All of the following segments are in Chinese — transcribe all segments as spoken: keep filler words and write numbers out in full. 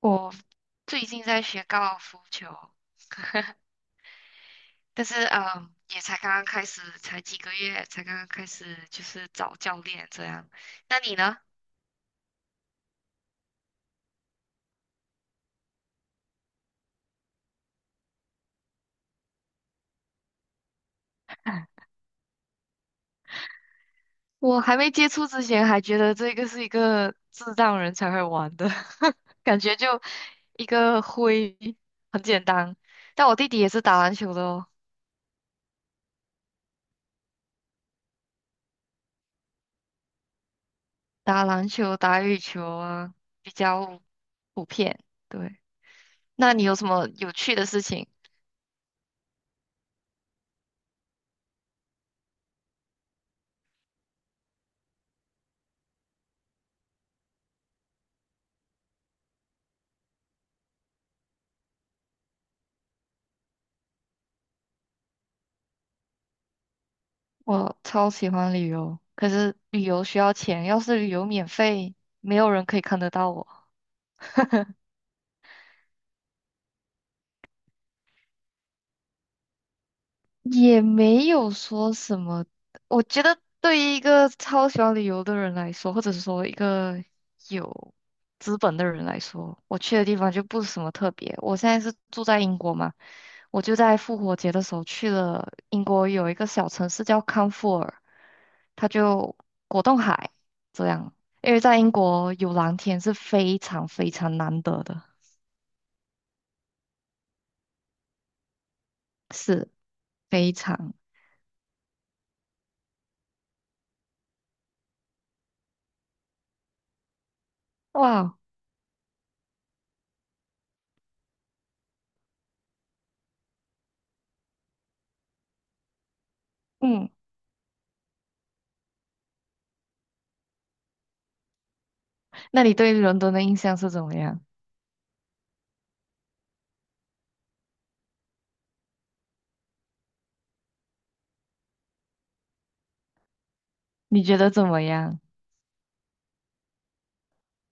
我最近在学高尔夫球。但是嗯，也才刚刚开始，才几个月，才刚刚开始就是找教练这样。那你呢？我还没接触之前，还觉得这个是一个智障人才会玩的，感觉就一个挥，很简单。但我弟弟也是打篮球的哦。打篮球、打羽球啊，比较普遍。对，那你有什么有趣的事情？我超喜欢旅游，可是旅游需要钱，要是旅游免费，没有人可以看得到我。也没有说什么。我觉得对于一个超喜欢旅游的人来说，或者是说一个有资本的人来说，我去的地方就不是什么特别。我现在是住在英国嘛，我就在复活节的时候去了英国有一个小城市叫康沃尔，它就果冻海这样。因为在英国有蓝天是非常非常难得的，非常哇。嗯，那你对伦敦的印象是怎么样？你觉得怎么样？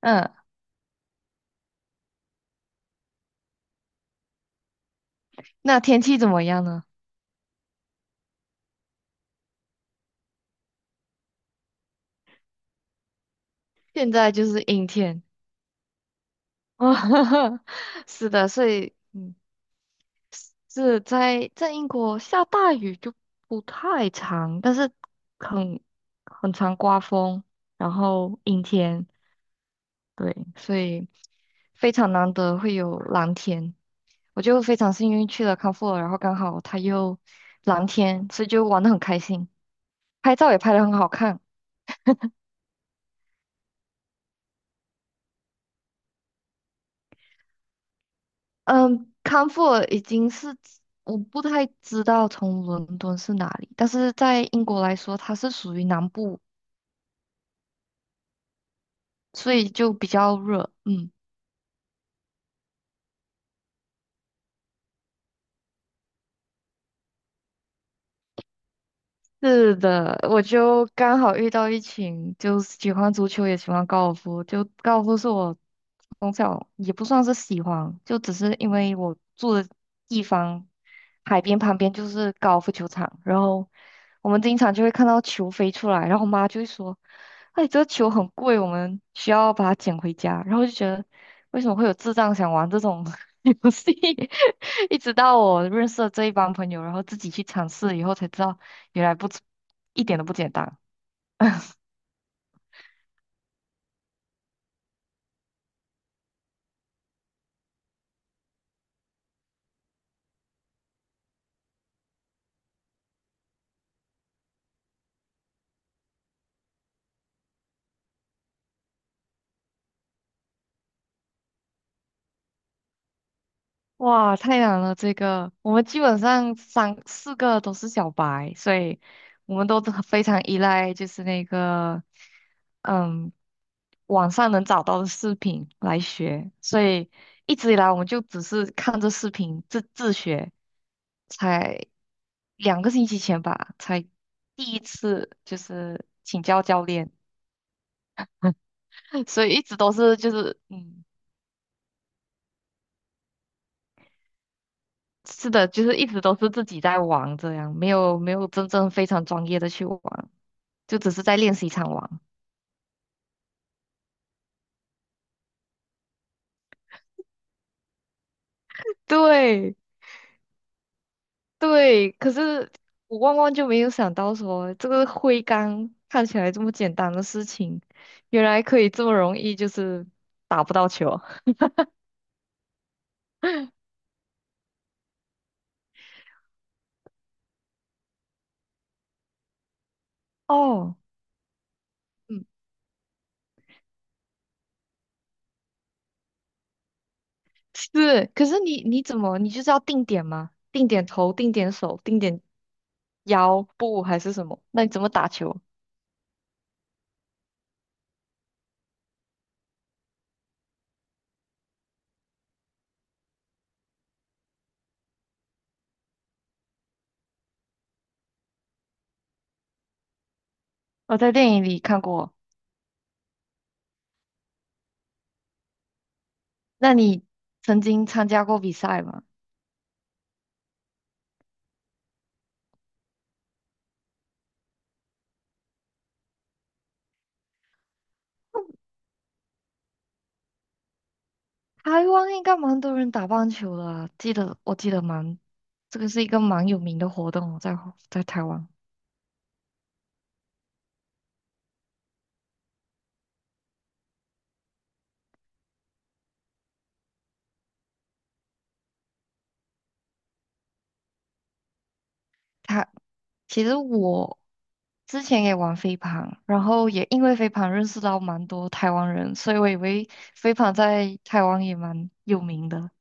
嗯，那天气怎么样呢？现在就是阴天。哦，是的，所以嗯，是在在英国下大雨就不太常，但是很很常刮风，然后阴天，对，所以非常难得会有蓝天。我就非常幸运去了康沃尔，然后刚好它又蓝天，所以就玩得很开心，拍照也拍得很好看。嗯，康沃尔已经是我不太知道从伦敦是哪里，但是在英国来说，它是属于南部，所以就比较热。嗯。是的，我就刚好遇到一群就是喜欢足球也喜欢高尔夫，就高尔夫是我从小也不算是喜欢，就只是因为我住的地方海边旁边就是高尔夫球场，然后我们经常就会看到球飞出来，然后我妈就会说："哎，这个球很贵，我们需要把它捡回家。"然后就觉得为什么会有智障想玩这种 游戏？一直到我认识了这一帮朋友，然后自己去尝试以后才知道。原来不简，一点都不简单。哇，太难了！这个我们基本上三四个都是小白，所以我们都很非常依赖就是那个，嗯，网上能找到的视频来学，所以一直以来我们就只是看着视频自自学，才两个星期前吧，才第一次就是请教教练，所以一直都是就是嗯。是的，就是一直都是自己在玩这样，没有没有真正非常专业的去玩，就只是在练习场玩。对对，可是我万万就没有想到说，这个挥杆看起来这么简单的事情，原来可以这么容易就是打不到球。哦，嗯，是，可是你你怎么，你就是要定点吗？定点头，定点手，定点腰部还是什么？那你怎么打球？我在电影里看过。那你曾经参加过比赛吗？台湾应该蛮多人打棒球的啊记得我记得蛮，这个是一个蛮有名的活动哦在在台湾。他其实我之前也玩飞盘，然后也因为飞盘认识到蛮多台湾人，所以我以为飞盘在台湾也蛮有名的。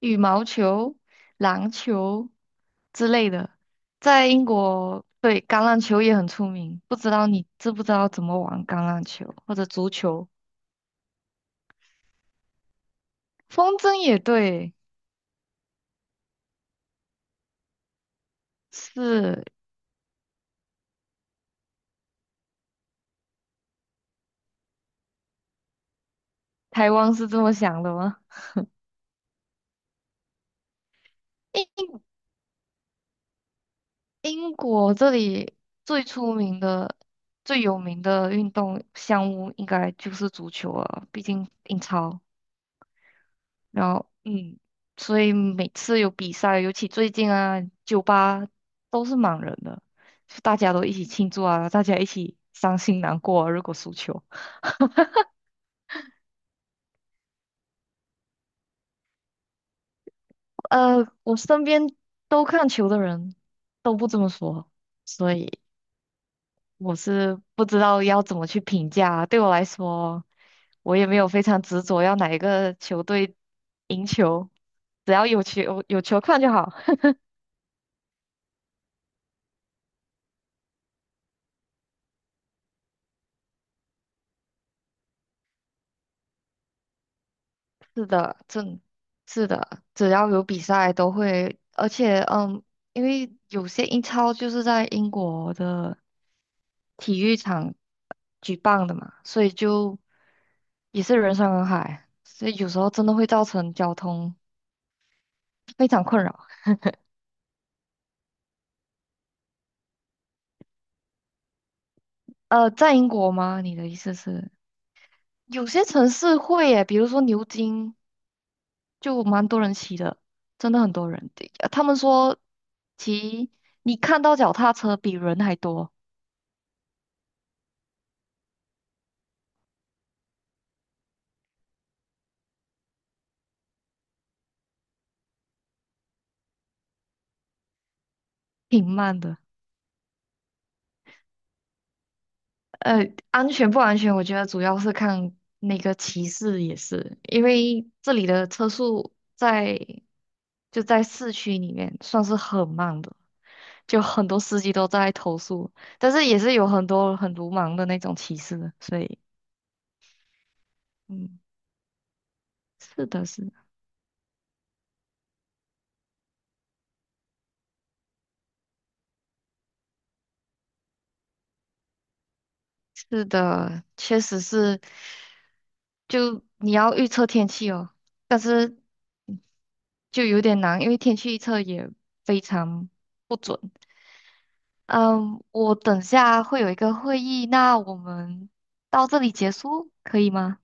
羽毛球、篮球之类的，在英国，对，橄榄球也很出名。不知道你知不知道怎么玩橄榄球或者足球？风筝也对，是台湾是这么想的吗？英英国这里最出名的、最有名的运动项目应该就是足球了，毕竟英超。然后嗯，所以每次有比赛，尤其最近啊，酒吧都是满人的，就大家都一起庆祝啊，大家一起伤心难过啊如果输球。呃，我身边都看球的人都不这么说，所以我是不知道要怎么去评价啊。对我来说，我也没有非常执着要哪一个球队赢球，只要有球有球看就好。是的，正是的，只要有比赛都会，而且嗯，因为有些英超就是在英国的体育场举办的嘛，所以就也是人山人海，所以有时候真的会造成交通非常困扰。呃，在英国吗？你的意思是有些城市会耶，比如说牛津就蛮多人骑的，真的很多人。对呃他们说骑你看到脚踏车比人还多。挺慢的。呃，安全不安全，我觉得主要是看那个骑士也是，因为这里的车速在就在市区里面算是很慢的，就很多司机都在投诉，但是也是有很多很鲁莽的那种骑士，所以嗯，是的是，是的，确实是，就你要预测天气哦，但是嗯就有点难，因为天气预测也非常。不准。嗯，我等下会有一个会议，那我们到这里结束，可以吗？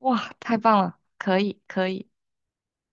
哇，太棒了，可以，可以。